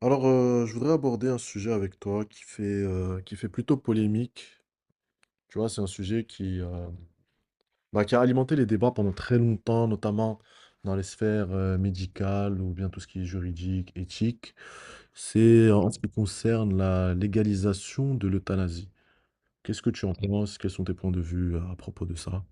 Alors, je voudrais aborder un sujet avec toi qui fait plutôt polémique. Tu vois, c'est un sujet qui, qui a alimenté les débats pendant très longtemps, notamment dans les sphères, médicales ou bien tout ce qui est juridique, éthique. C'est en ce qui concerne la légalisation de l'euthanasie. Qu'est-ce que tu en penses? Quels sont tes points de vue à propos de ça?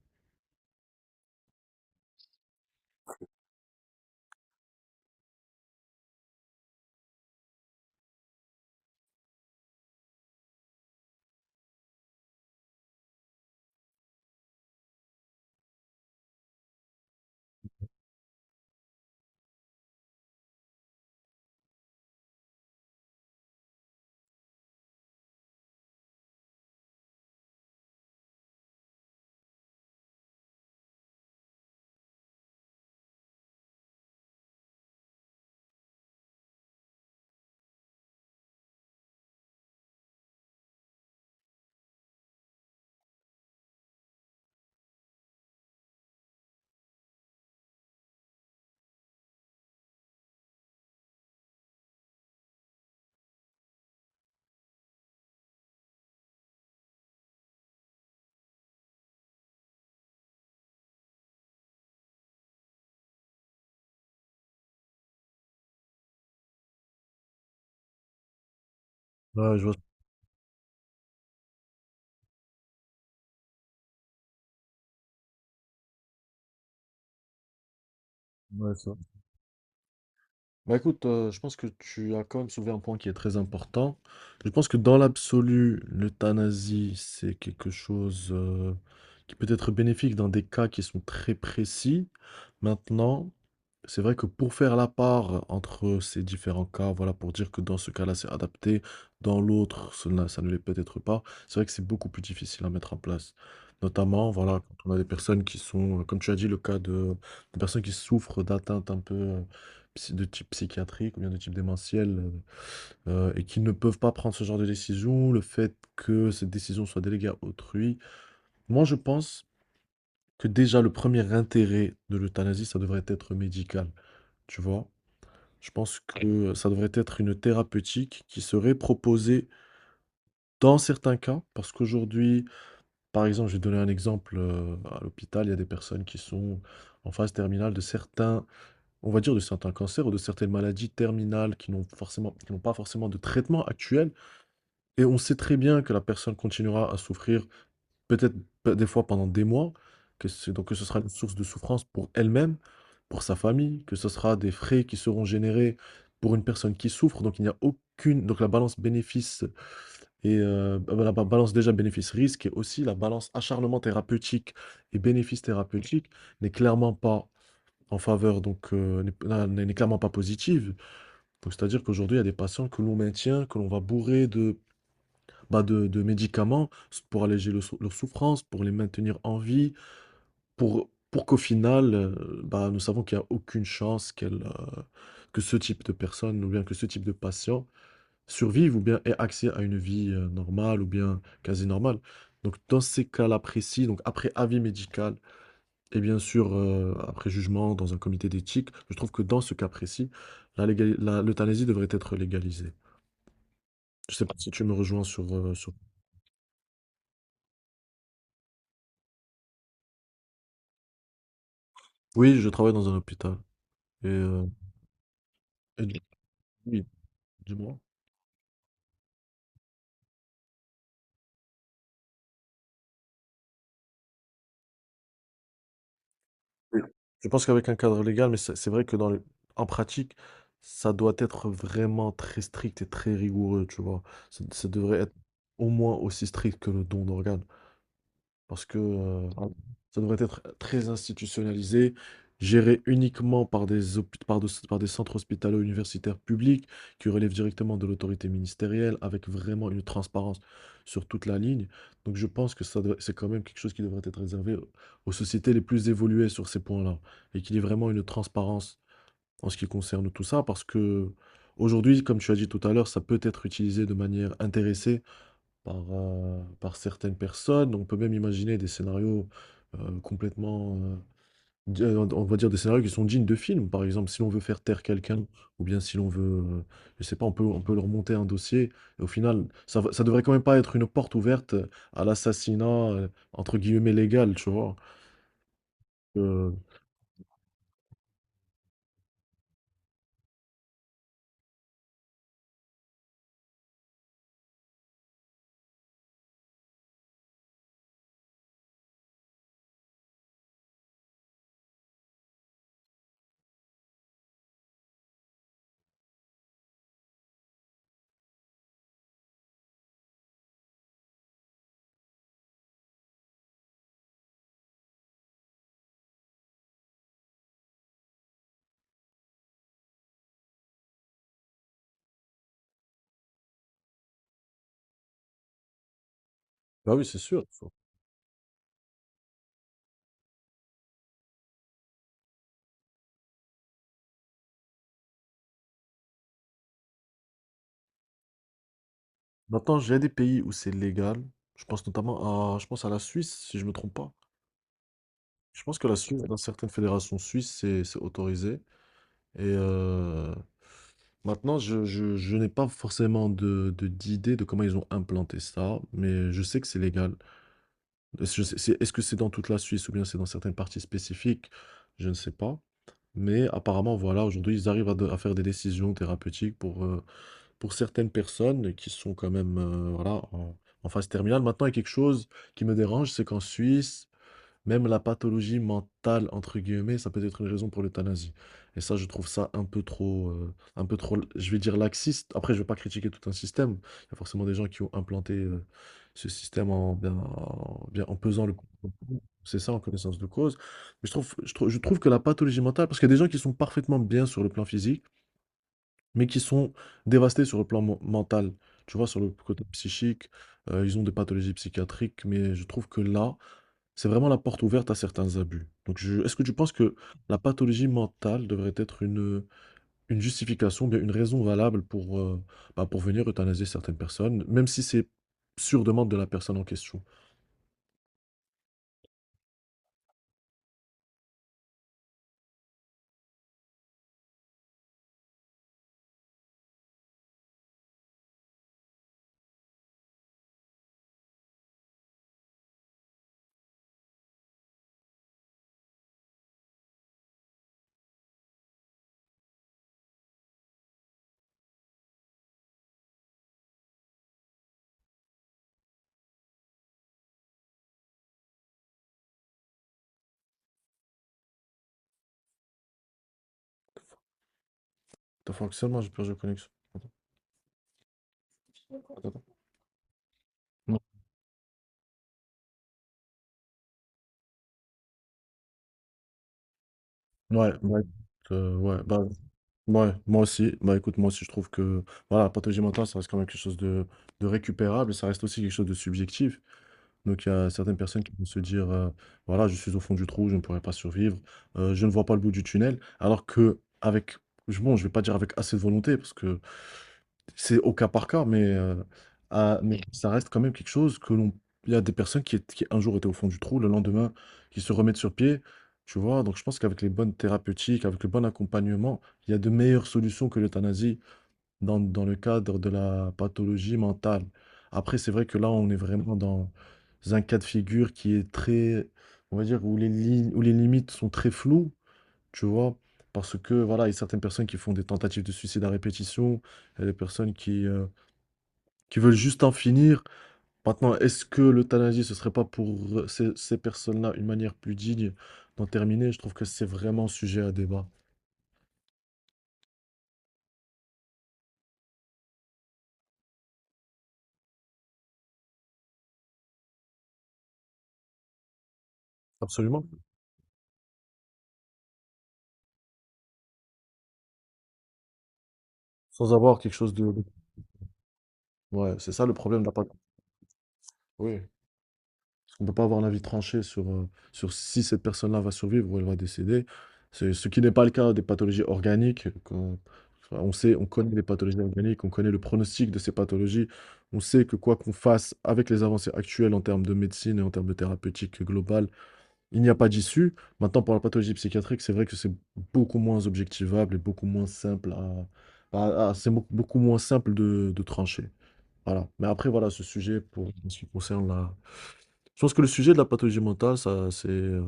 Ouais, ouais. Bah écoute, je pense que tu as quand même soulevé un point qui est très important. Je pense que dans l'absolu, l'euthanasie, c'est quelque chose, qui peut être bénéfique dans des cas qui sont très précis. Maintenant, c'est vrai que pour faire la part entre ces différents cas, voilà, pour dire que dans ce cas-là, c'est adapté, dans l'autre, cela ça ne l'est peut-être pas, c'est vrai que c'est beaucoup plus difficile à mettre en place. Notamment, voilà, quand on a des personnes qui sont, comme tu as dit, le cas de personnes qui souffrent d'atteintes un peu, de type psychiatrique ou bien de type démentiel, et qui ne peuvent pas prendre ce genre de décision, le fait que cette décision soit déléguée à autrui. Moi, je pense que déjà le premier intérêt de l'euthanasie, ça devrait être médical, tu vois. Je pense que ça devrait être une thérapeutique qui serait proposée dans certains cas, parce qu'aujourd'hui, par exemple, je vais donner un exemple, à l'hôpital, il y a des personnes qui sont en phase terminale de certains on va dire de certains cancers ou de certaines maladies terminales qui n'ont pas forcément de traitement actuel. Et on sait très bien que la personne continuera à souffrir, peut-être des fois pendant des mois, donc que ce sera une source de souffrance pour elle-même, pour sa famille, que ce sera des frais qui seront générés pour une personne qui souffre. Donc il n'y a aucune, donc la balance bénéfice et balance déjà bénéfice-risque et aussi la balance acharnement thérapeutique et bénéfice thérapeutique n'est clairement pas en faveur, donc n'est clairement pas positive. Donc, c'est-à-dire qu'aujourd'hui, il y a des patients que l'on maintient, que l'on va bourrer de médicaments pour alléger leur souffrance, pour les maintenir en vie, pour qu'au final, nous savons qu'il n'y a aucune chance que ce type de personne ou bien que ce type de patient survive ou bien ait accès à une vie normale ou bien quasi normale. Donc, dans ces cas-là précis, donc après avis médical, et bien sûr, après jugement dans un comité d'éthique, je trouve que dans ce cas précis, la légali la l'euthanasie devrait être légalisée. Je sais pas si tu me rejoins sur, sur. Oui, je travaille dans un hôpital et heu et du oui, dis-moi? Je pense qu'avec un cadre légal, mais c'est vrai que dans le en pratique, ça doit être vraiment très strict et très rigoureux, tu vois? Ça devrait être au moins aussi strict que le don d'organes. Parce que ça devrait être très institutionnalisé, géré uniquement par des, hôpi- par de- par des centres hospitalo-universitaires publics qui relèvent directement de l'autorité ministérielle, avec vraiment une transparence sur toute la ligne. Donc je pense que c'est quand même quelque chose qui devrait être réservé aux sociétés les plus évoluées sur ces points-là, et qu'il y ait vraiment une transparence en ce qui concerne tout ça, parce que aujourd'hui, comme tu as dit tout à l'heure, ça peut être utilisé de manière intéressée par, par certaines personnes. On peut même imaginer des scénarios euh, complètement, euh, on va dire des scénarios qui sont dignes de films. Par exemple, si l'on veut faire taire quelqu'un, ou bien si l'on veut, euh, je sais pas, on peut leur monter un dossier. Et au final, ça devrait quand même pas être une porte ouverte à l'assassinat, entre guillemets, légal, tu vois. Euh, bah oui, c'est sûr. Faut. Maintenant, j'ai des pays où c'est légal. Je pense notamment je pense à la Suisse, si je me trompe pas. Je pense que la Suisse, dans certaines fédérations suisses, c'est autorisé. Et maintenant, je n'ai pas forcément d'idée de comment ils ont implanté ça, mais je sais que c'est légal. Est-ce que c'est dans toute la Suisse ou bien c'est dans certaines parties spécifiques? Je ne sais pas. Mais apparemment, voilà, aujourd'hui, ils arrivent à faire des décisions thérapeutiques pour certaines personnes qui sont quand même voilà, en phase terminale. Maintenant, il y a quelque chose qui me dérange, c'est qu'en Suisse, même la pathologie «mentale» entre guillemets, ça peut être une raison pour l'euthanasie, et ça, je trouve ça un peu trop, un peu trop, je vais dire, laxiste. Après, je ne vais pas critiquer tout un système. Il y a forcément des gens qui ont implanté, ce système en pesant le. C'est ça, en connaissance de cause. Mais je trouve que la pathologie mentale, parce qu'il y a des gens qui sont parfaitement bien sur le plan physique, mais qui sont dévastés sur le plan mental. Tu vois? Sur le côté psychique, ils ont des pathologies psychiatriques, mais je trouve que là, c'est vraiment la porte ouverte à certains abus. Donc je est-ce que tu penses que la pathologie mentale devrait être une justification, bien une raison valable pour, pour venir euthanasier certaines personnes, même si c'est sur demande de la personne en question? Ton fonctionnement, j'ai perdu la connexion. Attends. Non. Ouais, ouais, ouais, ouais, moi aussi. Bah, écoute, moi aussi, je trouve que, voilà, la pathologie mentale, ça reste quand même quelque chose de récupérable et ça reste aussi quelque chose de subjectif. Donc il y a certaines personnes qui vont se dire, «Voilà, je suis au fond du trou, je ne pourrai pas survivre, je ne vois pas le bout du tunnel». Alors, je vais pas dire avec assez de volonté parce que c'est au cas par cas, mais Oui, ça reste quand même quelque chose que l'on. Il y a des personnes qui étaient, qui un jour étaient au fond du trou, le lendemain qui se remettent sur pied, tu vois? Donc je pense qu'avec les bonnes thérapeutiques, avec le bon accompagnement, il y a de meilleures solutions que l'euthanasie dans, dans le cadre de la pathologie mentale. Après, c'est vrai que là, on est vraiment dans un cas de figure qui est très, on va dire, où où les limites sont très floues, tu vois, parce que, voilà, il y a certaines personnes qui font des tentatives de suicide à répétition, il y a des personnes qui veulent juste en finir. Maintenant, est-ce que l'euthanasie, ce serait pas pour ces personnes-là une manière plus digne d'en terminer? Je trouve que c'est vraiment sujet à débat. Absolument. Sans avoir quelque chose de... Ouais, c'est ça le problème de la pathologie. Oui. On ne peut pas avoir l'avis tranché sur, sur si cette personne-là va survivre ou elle va décéder. C'est ce qui n'est pas le cas des pathologies organiques. Enfin, on sait, on connaît les pathologies organiques, on connaît le pronostic de ces pathologies. On sait que quoi qu'on fasse avec les avancées actuelles en termes de médecine et en termes de thérapeutique globale, il n'y a pas d'issue. Maintenant, pour la pathologie psychiatrique, c'est vrai que c'est beaucoup moins objectivable et beaucoup moins simple à- C'est beaucoup beaucoup moins simple de trancher. Voilà. Mais après, voilà, ce sujet pour en ce qui concerne la je pense que le sujet de la pathologie mentale, ça, c'est,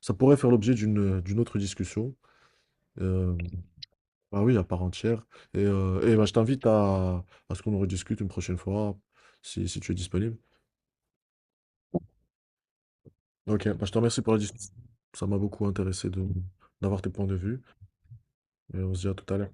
ça pourrait faire l'objet d'une autre discussion. Euh, bah oui, à part entière. Et bah, je t'invite à ce qu'on en rediscute une prochaine fois, si tu es disponible. Ok, bah, je te remercie pour la discussion. Ça m'a beaucoup intéressé d'avoir tes points de vue. Et on se dit à tout à l'heure.